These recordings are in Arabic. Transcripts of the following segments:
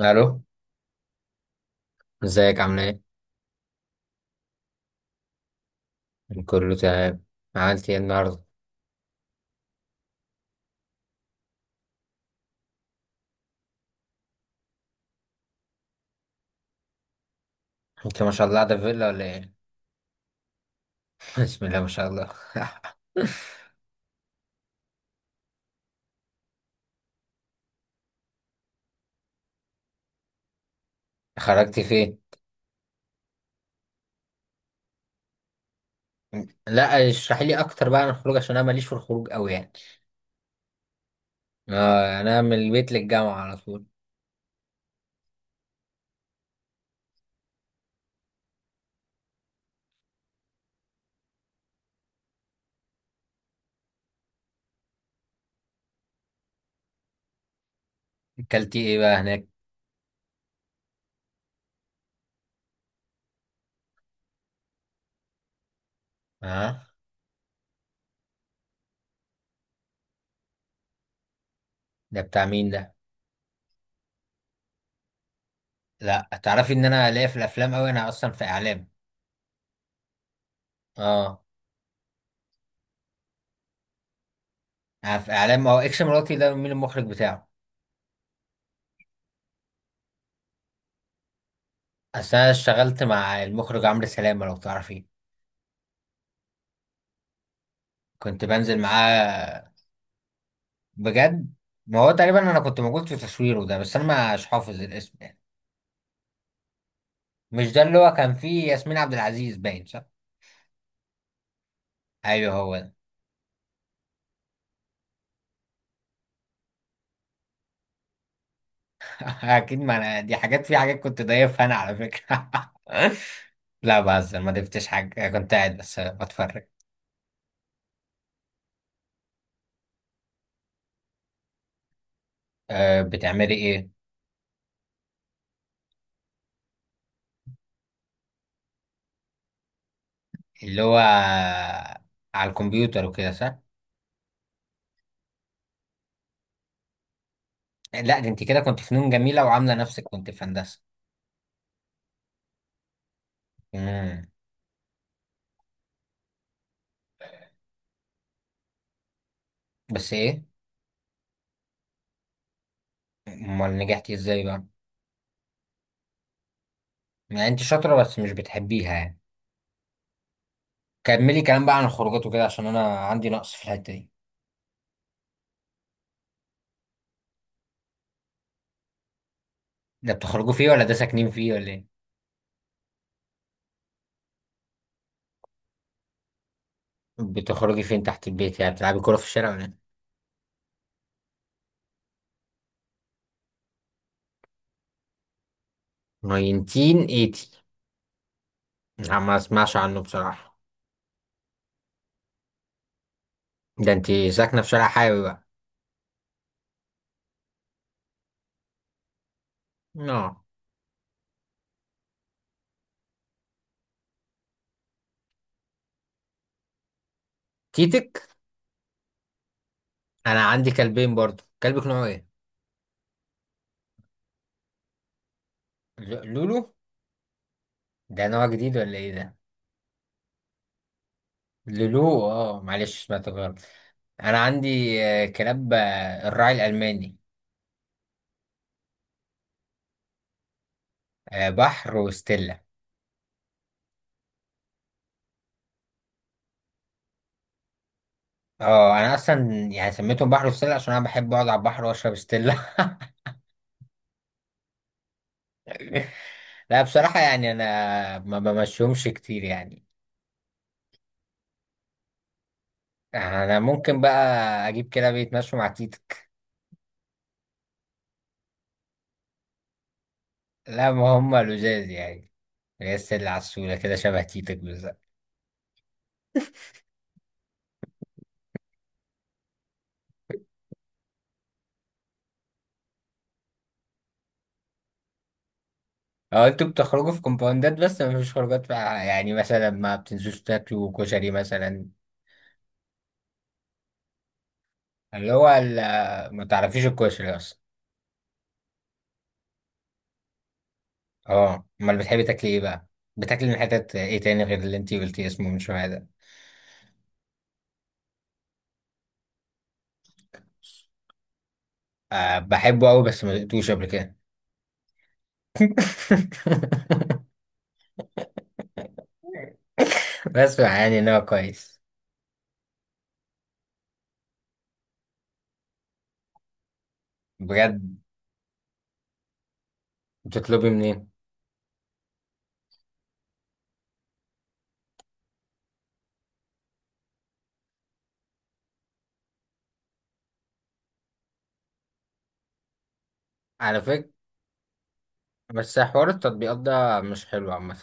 الو. ازيك، عامل ايه؟ كله تمام. عملت ايه النهارده؟ انت ما شاء الله ده فيلا ولا ايه؟ بسم الله ما شاء الله خرجت فين؟ لا اشرحي لي اكتر بقى عن الخروج عشان انا ماليش في الخروج قوي يعني. اه انا من البيت للجامعه على طول. اكلتي ايه بقى هناك؟ اه. ده بتاع مين ده؟ لا تعرفي ان انا ليا في الافلام قوي، انا اصلا في اعلام. اه انا في اعلام. هو اكس مراتي ده مين المخرج بتاعه؟ اصل انا اشتغلت مع المخرج عمرو سلامه، لو تعرفيه. كنت بنزل معاه. بجد؟ ما هو تقريبا انا كنت موجود في تصويره ده، بس انا مش حافظ الاسم يعني. مش ده اللي هو كان فيه ياسمين عبد العزيز، باين صح؟ ايوه هو ده. اكيد، ما انا دي حاجات في حاجات كنت ضايفها انا على فكره. لا بهزر، ما ضفتش حاجه، كنت قاعد بس بتفرج. أه، بتعملي ايه؟ اللي هو على الكمبيوتر وكده، صح؟ لا دي انت كده كنت فنون جميله وعامله نفسك كنت في هندسه. امم بس ايه؟ امال نجحتي ازاي بقى؟ يعني انت شاطره بس مش بتحبيها يعني. كملي كلام بقى عن الخروجات وكده عشان انا عندي نقص في الحته دي. ده بتخرجوا فيه ولا ده ساكنين فيه ولا ايه؟ بتخرجي فين تحت البيت؟ يعني بتلعبي كوره في الشارع ولا ايه؟ 1980؟ لا، ما اسمعش عنه بصراحه. ده انت ساكنه في شارع حيوي بقى. اه. تيتك؟ انا عندي كلبين برضو. كلبك نوعه ايه؟ لولو؟ ده نوع جديد ولا ايه ده؟ لولو، اه معلش سمعت غلط. انا عندي كلاب الراعي الالماني. بحر وستيلا. اه انا اصلا يعني سميتهم بحر وستيلا عشان انا بحب اقعد على البحر واشرب ستيلا. لا بصراحة يعني انا ما بمشيهمش كتير يعني. انا ممكن بقى اجيب كده بيتمشوا مع تيتك. لا ما هم لزاز يعني. هي الستيلا على السولة كده شبه تيتك بالظبط. اه انتوا بتخرجوا في كومباوندات بس ما فيش خروجات بقى؟ يعني مثلا ما بتنزلوش تاكلوا كشري مثلا؟ ما تعرفيش الكشري اصلا؟ اه امال بتحبي تاكلي ايه بقى؟ بتاكلي من حتت ايه تاني غير اللي انتي قلتي اسمه من شوية ده؟ آه بحبه قوي بس ما دقتوش قبل كده. بس يعني ان هو كويس. بجد؟ بتطلبي منين؟ على فكرة، بس حوار التطبيقات ده مش حلو عامة.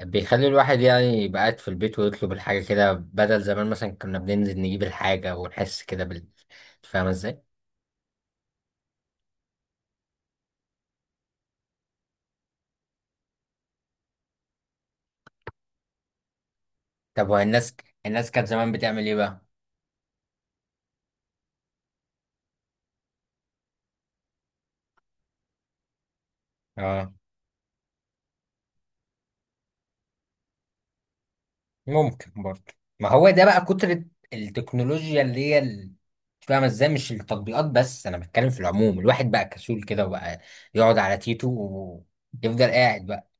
بيخلي الواحد يعني يبقى قاعد في البيت ويطلب الحاجة كده بدل زمان مثلا كنا بننزل نجيب الحاجة ونحس كده بال، فاهمة ازاي؟ طب وهي الناس، الناس كانت زمان بتعمل ايه بقى؟ اه. ممكن برضه. ما هو ده بقى كترة التكنولوجيا اللي هي ال، مش فاهمة ازاي، مش التطبيقات بس، انا بتكلم في العموم. الواحد بقى كسول كده وبقى يقعد على تيتو ويفضل قاعد بقى.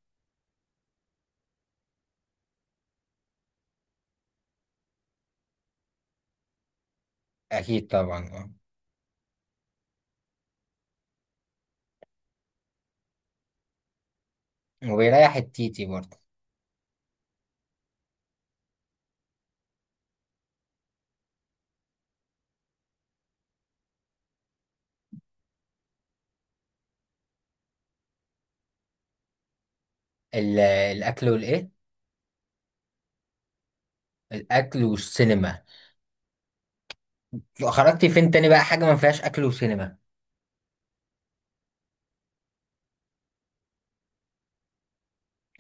اكيد طبعا، اه. وبيريح التيتي برضه. الاكل والايه؟ الاكل والسينما. لو خرجتي فين تاني بقى، حاجة ما فيهاش اكل وسينما؟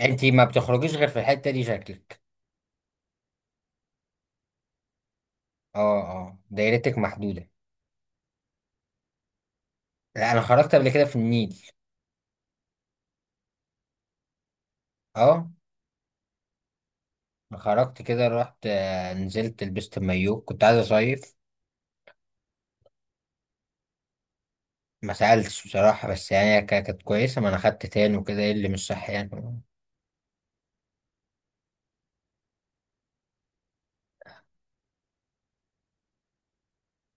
انتي ما بتخرجيش غير في الحتة دي شكلك. اه اه، دايرتك محدودة. لا انا خرجت قبل كده في النيل. اه. خرجت كده، رحت نزلت لبست المايو، كنت عايز اصيف. ما سألتش بصراحة بس يعني هي كانت كويسة، ما انا خدت تان وكده، ايه اللي مش صح يعني؟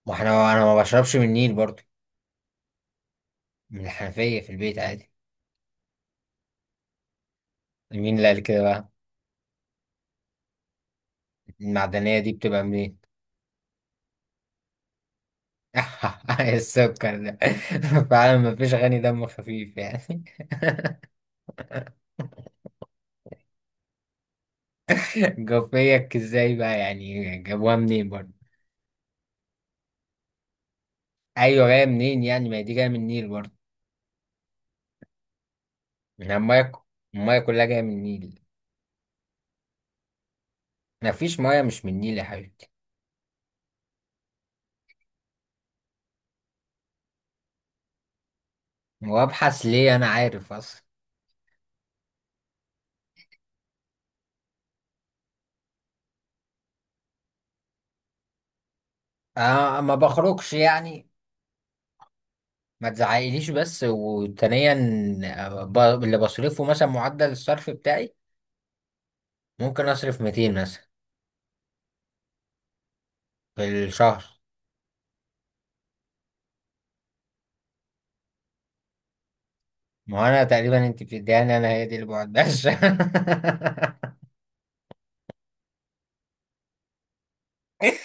ما احنا انا ما بشربش من النيل برضو. من الحنفية في البيت عادي. مين اللي قال كده بقى؟ المعدنية دي بتبقى منين؟ السكر ده. فعلا ما فيش غني دم خفيف يعني. جوفيك ازاي بقى؟ يعني جابوها منين برضو؟ ايوه، جاية منين يعني؟ ما هي دي جاية من النيل برضو. من المايه. المايه كلها جاية من النيل. ما فيش مايه مش من النيل يا حبيبي. وابحث ليه؟ انا عارف اصلا. آه ما بخرجش يعني. ما تزعقليش، بس وثانيا، آه، ب- اللي بصرفه مثلا معدل الصرف بتاعي، ممكن اصرف 200 مثلا. في الشهر. ما هو انا تقريبا انت بتديهاني، انا هي دي اللي بعدهاش.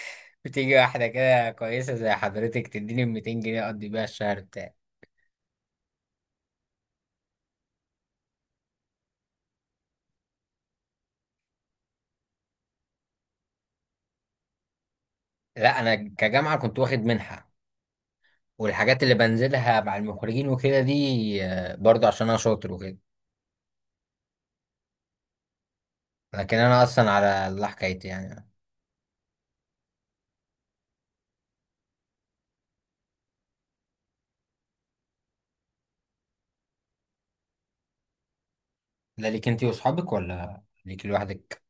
بتيجي واحده كده كويسه زي حضرتك تديني 200 جنيه اقضي بيها الشهر بتاعي. لا انا كجامعه كنت واخد منحه، والحاجات اللي بنزلها مع المخرجين وكده دي برضه عشان انا شاطر وكده. لكن انا اصلا على الله حكايتي يعني. ده ليك انت واصحابك ولا ليك لوحدك؟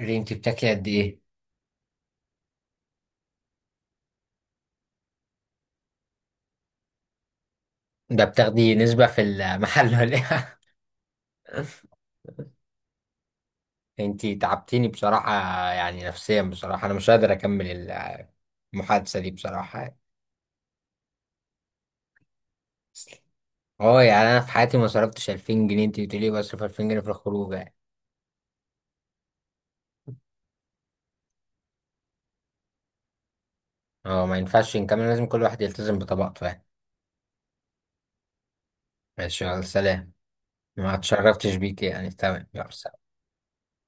اللي انت بتاكلي قد ايه؟ ده بتاخدي نسبة في المحل ولا ايه؟ انت تعبتيني بصراحة. يعني نفسيا بصراحة انا مش قادر اكمل المحادثة دي بصراحة يعني. اه يعني انا في حياتي ما صرفتش 2000 جنيه، انت بتقولي بصرف 2000 جنيه في الخروج يعني. اه ما ينفعش نكمل، لازم كل واحد يلتزم بطبقته يعني. ماشي، يلا سلام. ما اتشرفتش بيك يعني، تمام، يلا سلام.